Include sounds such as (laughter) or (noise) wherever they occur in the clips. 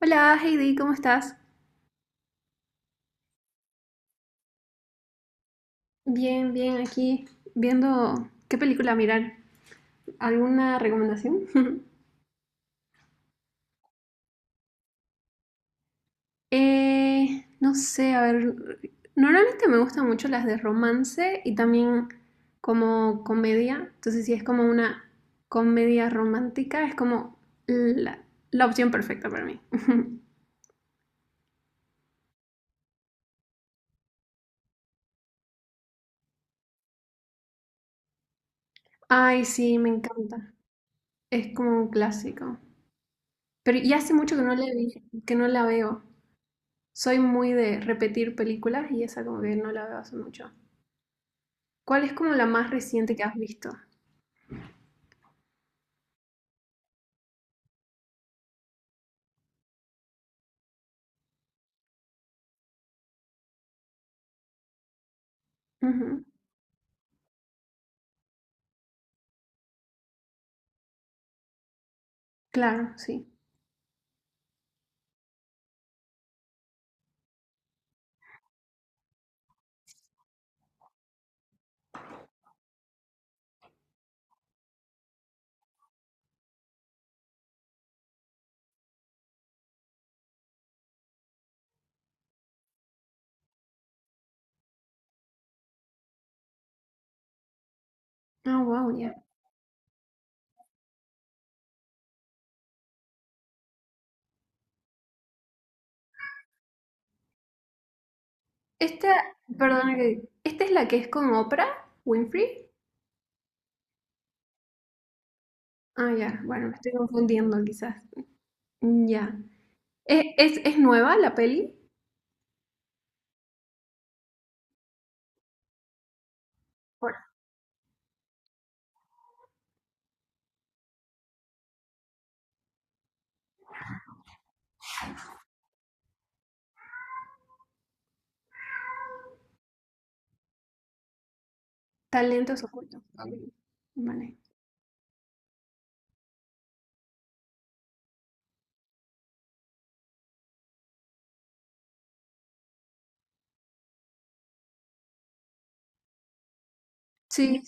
Hola Heidi, ¿cómo estás? Bien, bien, aquí viendo qué película mirar. ¿Alguna recomendación? (laughs) No sé, a ver, normalmente me gustan mucho las de romance y también como comedia, entonces si es como una comedia romántica, es como la, la opción perfecta para mí. (laughs) Ay, sí, me encanta. Es como un clásico. Pero ya hace mucho que no la veo. Soy muy de repetir películas y esa como que no la veo hace mucho. ¿Cuál es como la más reciente que has visto? Ujú. Claro, sí. Ah, wow, ya. Esta, perdona que, ¿esta es la que es con Oprah Winfrey? Ah, ya, bueno, me estoy confundiendo quizás. Ya. ¿Es nueva la peli? Por talentos ocultos. Ok. Vale. Sí.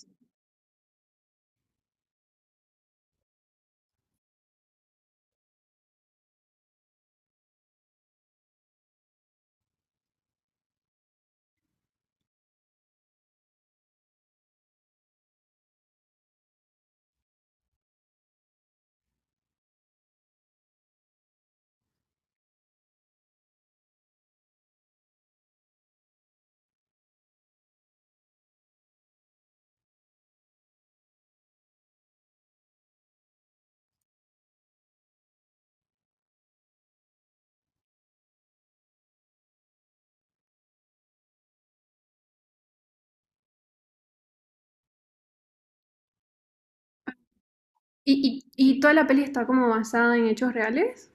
¿Y toda la peli está como basada en hechos reales?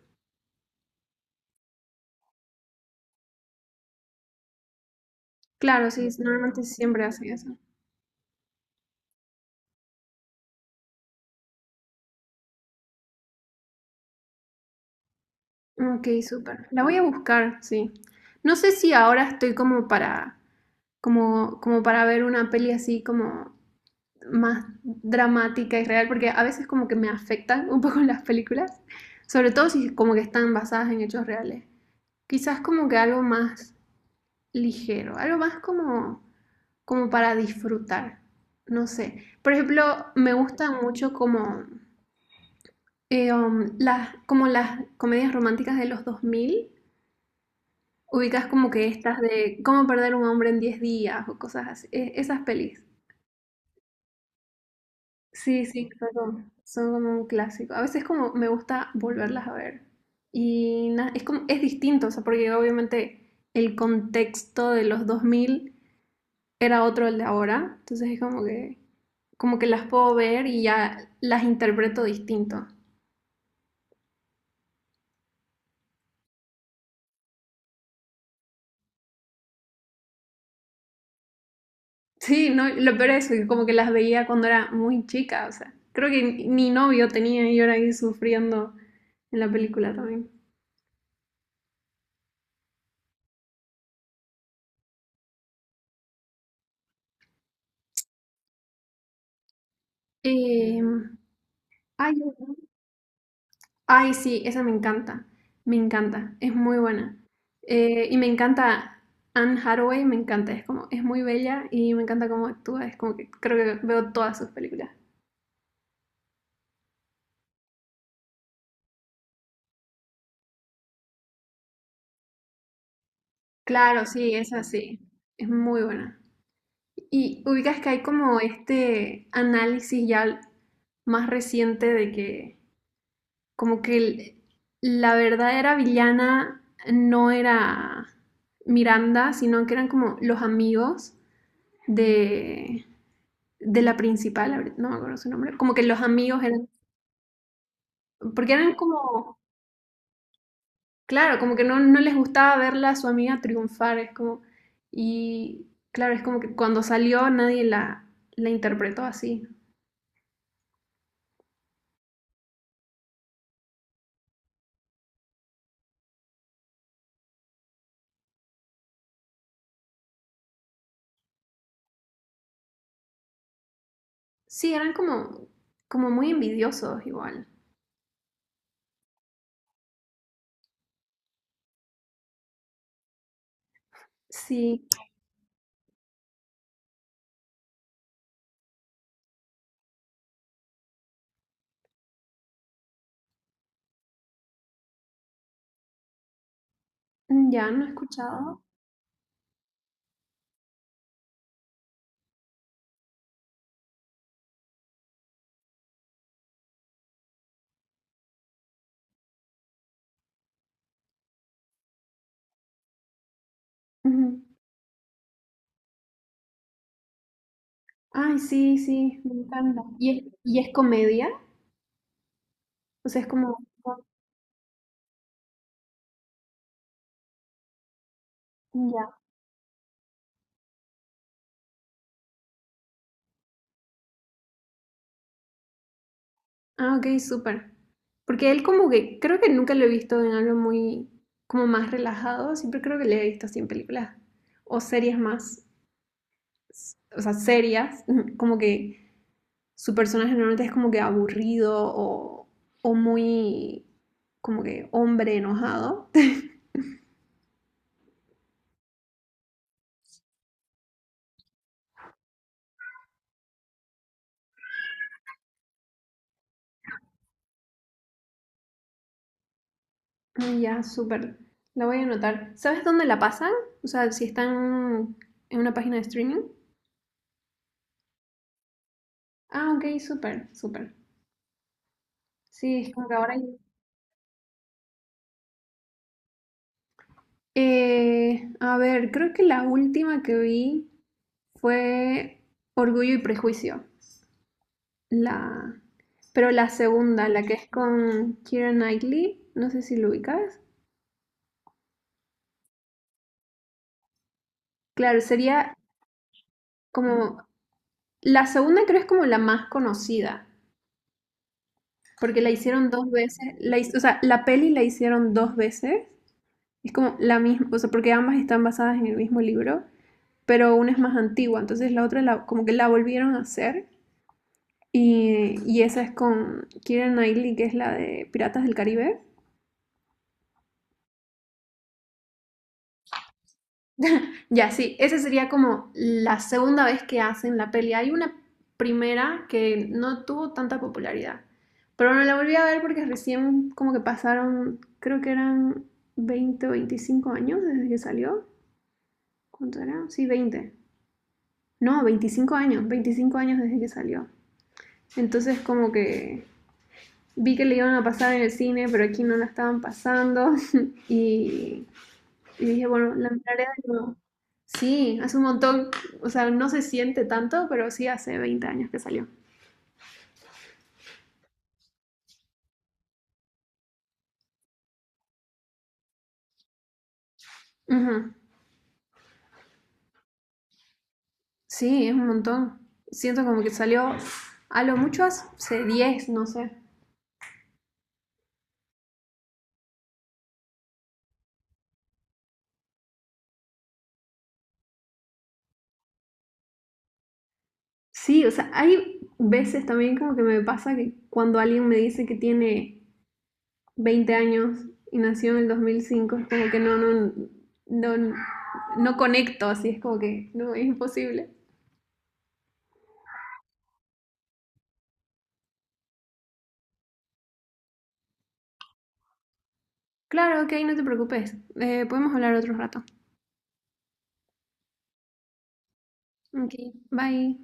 Claro, sí, normalmente siempre hacen eso. Ok, súper. La voy a buscar, sí. No sé si ahora estoy como para, como, como para ver una peli así como más dramática y real, porque a veces como que me afectan un poco (laughs) las películas, sobre todo si como que están basadas en hechos reales. Quizás como que algo más ligero, algo más como, como para disfrutar. No sé. Por ejemplo, me gustan mucho como, como las comedias románticas de los 2000. Ubicas como que estas de cómo perder un hombre en 10 días o cosas así. Esas pelis. Sí, sí, son como un clásico. A veces como me gusta volverlas a ver. Y es como, es distinto, o sea, porque obviamente el contexto de los 2000 era otro el de ahora. Entonces es como que las puedo ver y ya las interpreto distinto. Sí, no, lo peor es que como que las veía cuando era muy chica, o sea, creo que ni novio tenía y yo era ahí sufriendo en la película también. Em, Ay, ay, sí, esa me encanta, es muy buena. Y me encanta Anne Hathaway, me encanta, es como, es muy bella y me encanta cómo actúa, es como que creo que veo todas sus películas. Claro, sí, esa sí, es muy buena. Y ubicas que hay como este análisis ya más reciente de que como que la verdadera villana no era Miranda, sino que eran como los amigos de, de la principal, ahorita no me acuerdo su nombre, como que los amigos eran, porque eran como, claro, como que no, no les gustaba verla a su amiga triunfar, es como, y claro, es como que cuando salió nadie la, la interpretó así. Sí, eran como, como muy envidiosos igual. Sí, mm, ya no he escuchado. Ujú. Ay, sí, sí, me encanta. ¿Y es comedia? O sea, es como, ya. Ah, ok, súper. Porque él como que, creo que nunca lo he visto en algo muy, como más relajado, siempre creo que le he visto así en películas o series más, o sea, serias, (laughs) como que su personaje normalmente es como que aburrido o muy, como que hombre enojado. (laughs) Ah, ya, súper. La voy a anotar. ¿Sabes dónde la pasan? O sea, si están en una página de streaming. Ah, ok, súper, súper. Sí, es como que ahora hay. A ver, creo que la última que vi fue Orgullo y Prejuicio. La... Pero la segunda, la que es con Keira Knightley, no sé si lo ubicas. Claro, sería como... La segunda creo es como la más conocida, porque la hicieron dos veces. O sea, la peli la hicieron dos veces. Es como la misma, o sea, porque ambas están basadas en el mismo libro, pero una es más antigua, entonces como que la volvieron a hacer. Y esa es con Kira Knightley, que es la de Piratas del Caribe. Ya, sí, esa sería como la segunda vez que hacen la peli. Hay una primera que no tuvo tanta popularidad, pero no la volví a ver porque recién como que pasaron, creo que eran 20 o 25 años desde que salió. ¿Cuánto era? Sí, 20 no, 25 años, 25 años desde que salió. Entonces como que vi que le iban a pasar en el cine, pero aquí no la estaban pasando (laughs) y Y dije, bueno, la miraré de nuevo. Sí, hace un montón, o sea, no se siente tanto, pero sí hace 20 años que salió. Ujú. Sí, es un montón. Siento como que salió a lo mucho hace 10, no sé. Sí, o sea, hay veces también como que me pasa que cuando alguien me dice que tiene 20 años y nació en el 2005, es como que no, no, no, no conecto, así es como que no, es imposible. Claro, ok, no te preocupes, podemos hablar otro rato. Okay, bye.